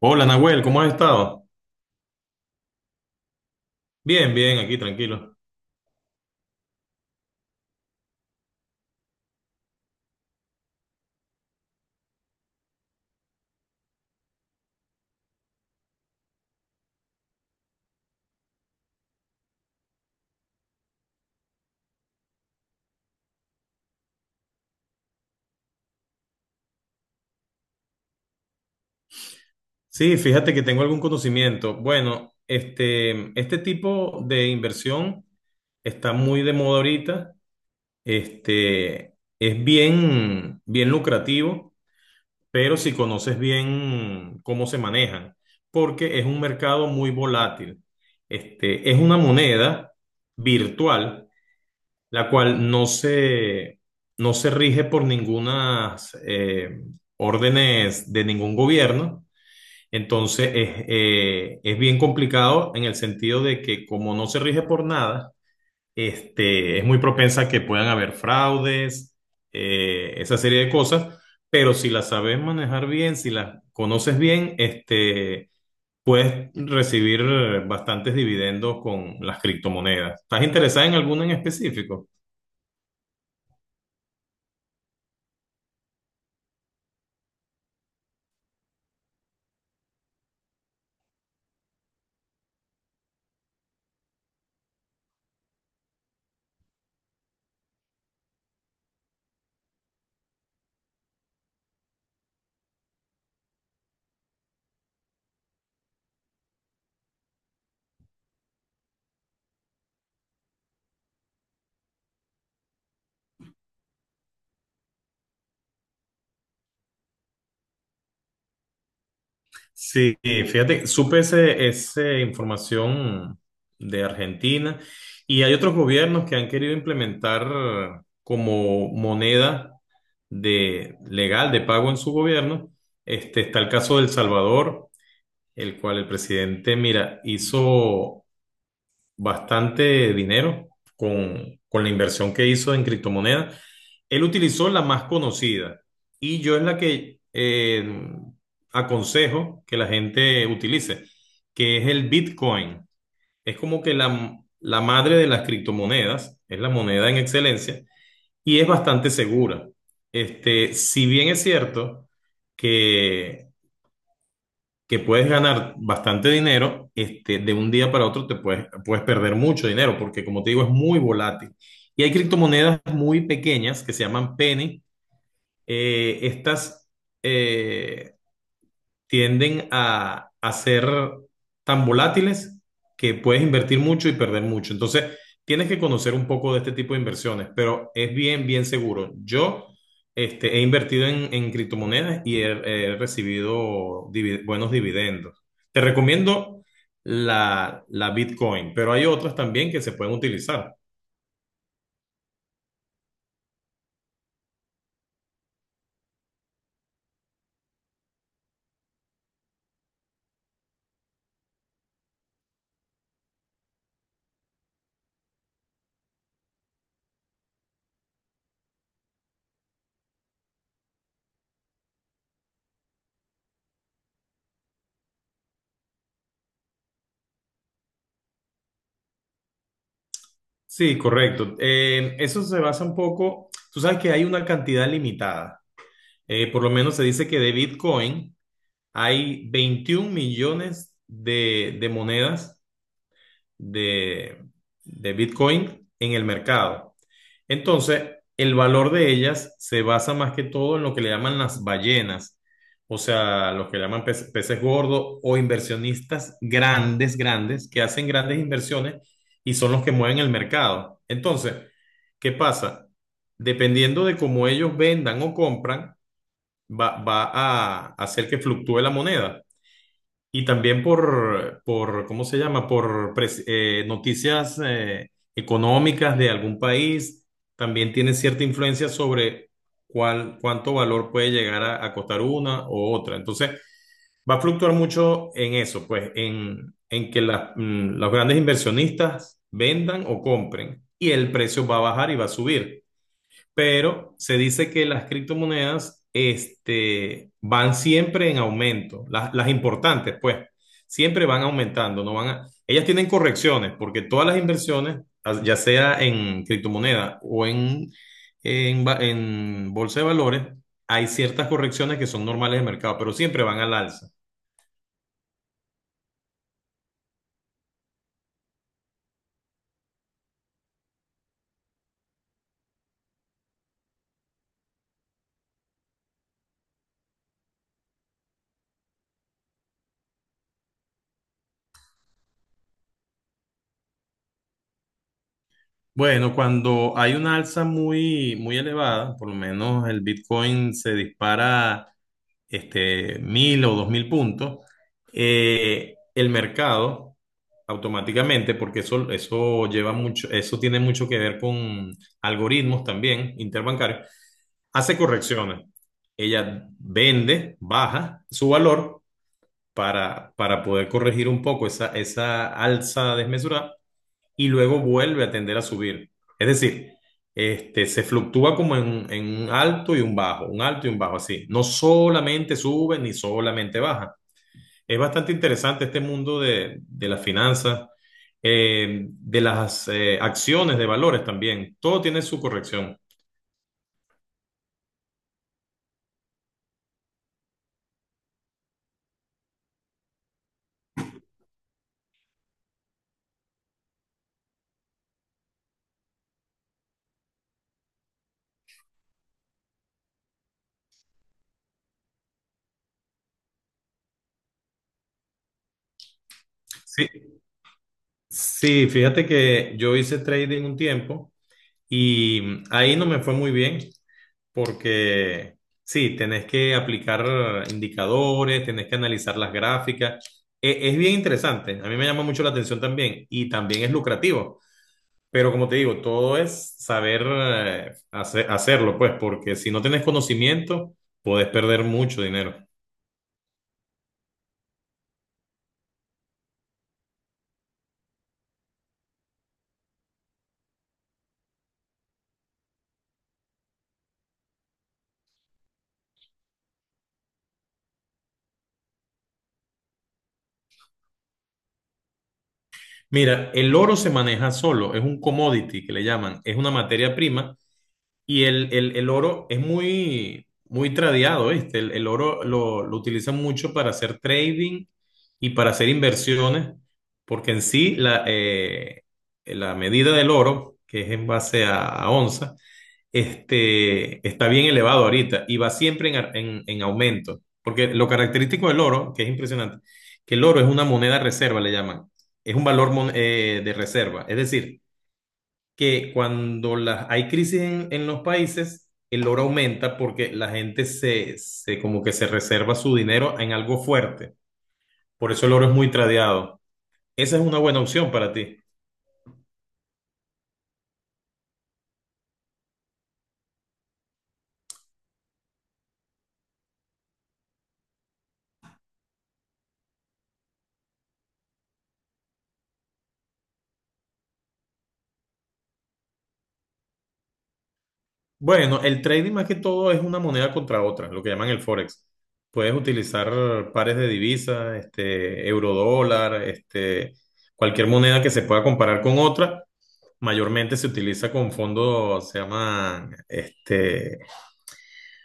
Hola Nahuel, ¿cómo has estado? Bien, bien, aquí tranquilo. Sí, fíjate que tengo algún conocimiento. Bueno, este tipo de inversión está muy de moda ahorita. Este, es bien, bien lucrativo, pero si conoces bien cómo se manejan, porque es un mercado muy volátil. Este, es una moneda virtual la cual no se rige por ninguna eh, órdenes de ningún gobierno. Entonces es bien complicado en el sentido de que como no se rige por nada, este, es muy propensa a que puedan haber fraudes, esa serie de cosas, pero si las sabes manejar bien, si las conoces bien, este, puedes recibir bastantes dividendos con las criptomonedas. ¿Estás interesada en alguna en específico? Sí, fíjate, supe esa información de Argentina y hay otros gobiernos que han querido implementar como moneda legal de pago en su gobierno. Este, está el caso de El Salvador, el cual el presidente, mira, hizo bastante dinero con la inversión que hizo en criptomonedas. Él utilizó la más conocida y yo es la que aconsejo que la gente utilice, que es el Bitcoin. Es como que la madre de las criptomonedas, es la moneda en excelencia y es bastante segura. Este, si bien es cierto que que puedes ganar bastante dinero, este, de un día para otro te puedes perder mucho dinero, porque como te digo, es muy volátil. Y hay criptomonedas muy pequeñas que se llaman penny. Estas, eh, tienden a ser tan volátiles que puedes invertir mucho y perder mucho. Entonces, tienes que conocer un poco de este tipo de inversiones, pero es bien, bien seguro. Yo este, he invertido en criptomonedas y he recibido buenos dividendos. Te recomiendo la Bitcoin, pero hay otras también que se pueden utilizar. Sí, correcto. Eso se basa un poco, tú sabes que hay una cantidad limitada. Por lo menos se dice que de Bitcoin hay 21 millones de monedas de, de Bitcoin en el mercado. Entonces, el valor de ellas se basa más que todo en lo que le llaman las ballenas, o sea, los que le llaman peces gordos o inversionistas grandes, grandes, que hacen grandes inversiones y son los que mueven el mercado. Entonces, ¿qué pasa? Dependiendo de cómo ellos vendan o compran, va a hacer que fluctúe la moneda. Y también ¿cómo se llama? Por noticias económicas de algún país, también tiene cierta influencia sobre cuánto valor puede llegar a costar una o otra. Entonces, va a fluctuar mucho en eso, pues, en que los grandes inversionistas vendan o compren y el precio va a bajar y va a subir, pero se dice que las criptomonedas este, van siempre en aumento, las importantes, pues, siempre van aumentando, no ellas tienen correcciones, porque todas las inversiones, ya sea en criptomonedas o en bolsa de valores, hay ciertas correcciones que son normales de mercado, pero siempre van al alza. Bueno, cuando hay una alza muy, muy elevada, por lo menos el Bitcoin se dispara este, 1.000 o 2.000 puntos, el mercado automáticamente, porque eso lleva mucho, eso tiene mucho que ver con algoritmos también interbancarios, hace correcciones. Ella vende, baja su valor para poder corregir un poco esa alza desmesurada y luego vuelve a tender a subir. Es decir, este, se fluctúa como en un alto y un bajo, un alto y un bajo, así. No solamente sube ni solamente baja. Es bastante interesante este mundo de las finanzas, de las acciones de valores también. Todo tiene su corrección. Sí, sí, fíjate que yo hice trading un tiempo y ahí no me fue muy bien porque sí, tenés que aplicar indicadores, tenés que analizar las gráficas. Es bien interesante, a mí me llama mucho la atención también y también es lucrativo. Pero como te digo, todo es saber hacerlo, pues, porque si no tenés conocimiento, podés perder mucho dinero. Mira, el oro se maneja solo, es un commodity que le llaman, es una materia prima. Y el oro es muy, muy tradeado, ¿viste? El oro lo utilizan mucho para hacer trading y para hacer inversiones, porque en sí la medida del oro, que es en base a onza, este, está bien elevado ahorita y va siempre en, ar- en aumento, porque lo característico del oro, que es impresionante, que el oro es una moneda reserva, le llaman, es un valor de reserva, es decir, que cuando las hay crisis en los países, el oro aumenta porque la gente como que se reserva su dinero en algo fuerte. Por eso el oro es muy tradeado. Esa es una buena opción para ti. Bueno, el trading más que todo es una moneda contra otra, lo que llaman el forex. Puedes utilizar pares de divisas, este, euro dólar, este, cualquier moneda que se pueda comparar con otra. Mayormente se utiliza con fondos, se llaman este,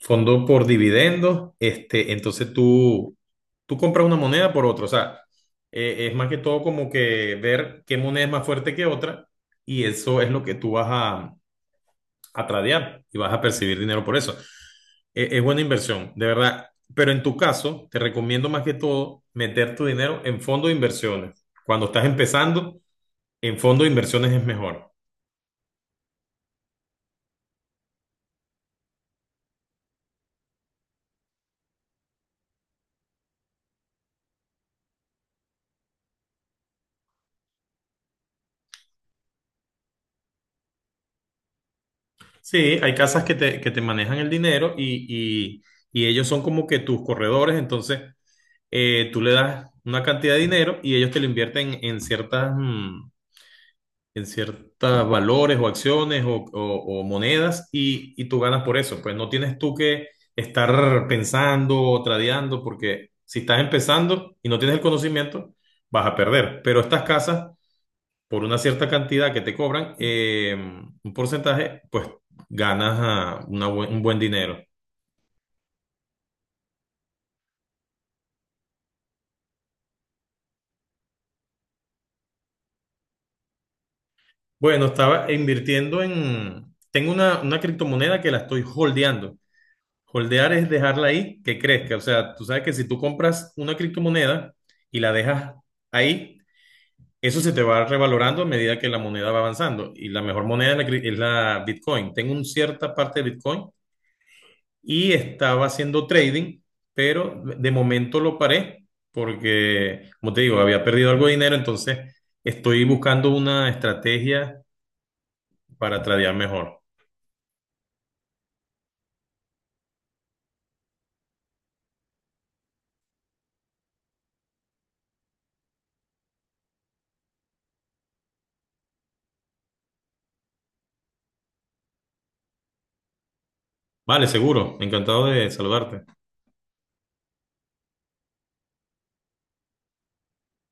fondo por dividendos, este, entonces tú compras una moneda por otra, o sea, es más que todo como que ver qué moneda es más fuerte que otra y eso es lo que tú vas a tradear y vas a percibir dinero por eso. Es buena inversión, de verdad, pero en tu caso te recomiendo más que todo meter tu dinero en fondos de inversiones. Cuando estás empezando, en fondos de inversiones es mejor. Sí, hay casas que te manejan el dinero y ellos son como que tus corredores, entonces tú le das una cantidad de dinero y ellos te lo invierten en ciertas, mm, en ciertos valores o acciones o monedas y tú ganas por eso. Pues no tienes tú que estar pensando o tradeando porque si estás empezando y no tienes el conocimiento, vas a perder. Pero estas casas, por una cierta cantidad que te cobran, un porcentaje, pues ganas una un buen dinero. Bueno, estaba invirtiendo en... Tengo una criptomoneda que la estoy holdeando. Holdear es dejarla ahí que crezca. O sea, tú sabes que si tú compras una criptomoneda y la dejas ahí, eso se te va revalorando a medida que la moneda va avanzando. Y la mejor moneda es es la Bitcoin. Tengo una cierta parte de Bitcoin y estaba haciendo trading, pero de momento lo paré porque, como te digo, había perdido algo de dinero. Entonces, estoy buscando una estrategia para tradear mejor. Vale, seguro. Encantado de saludarte.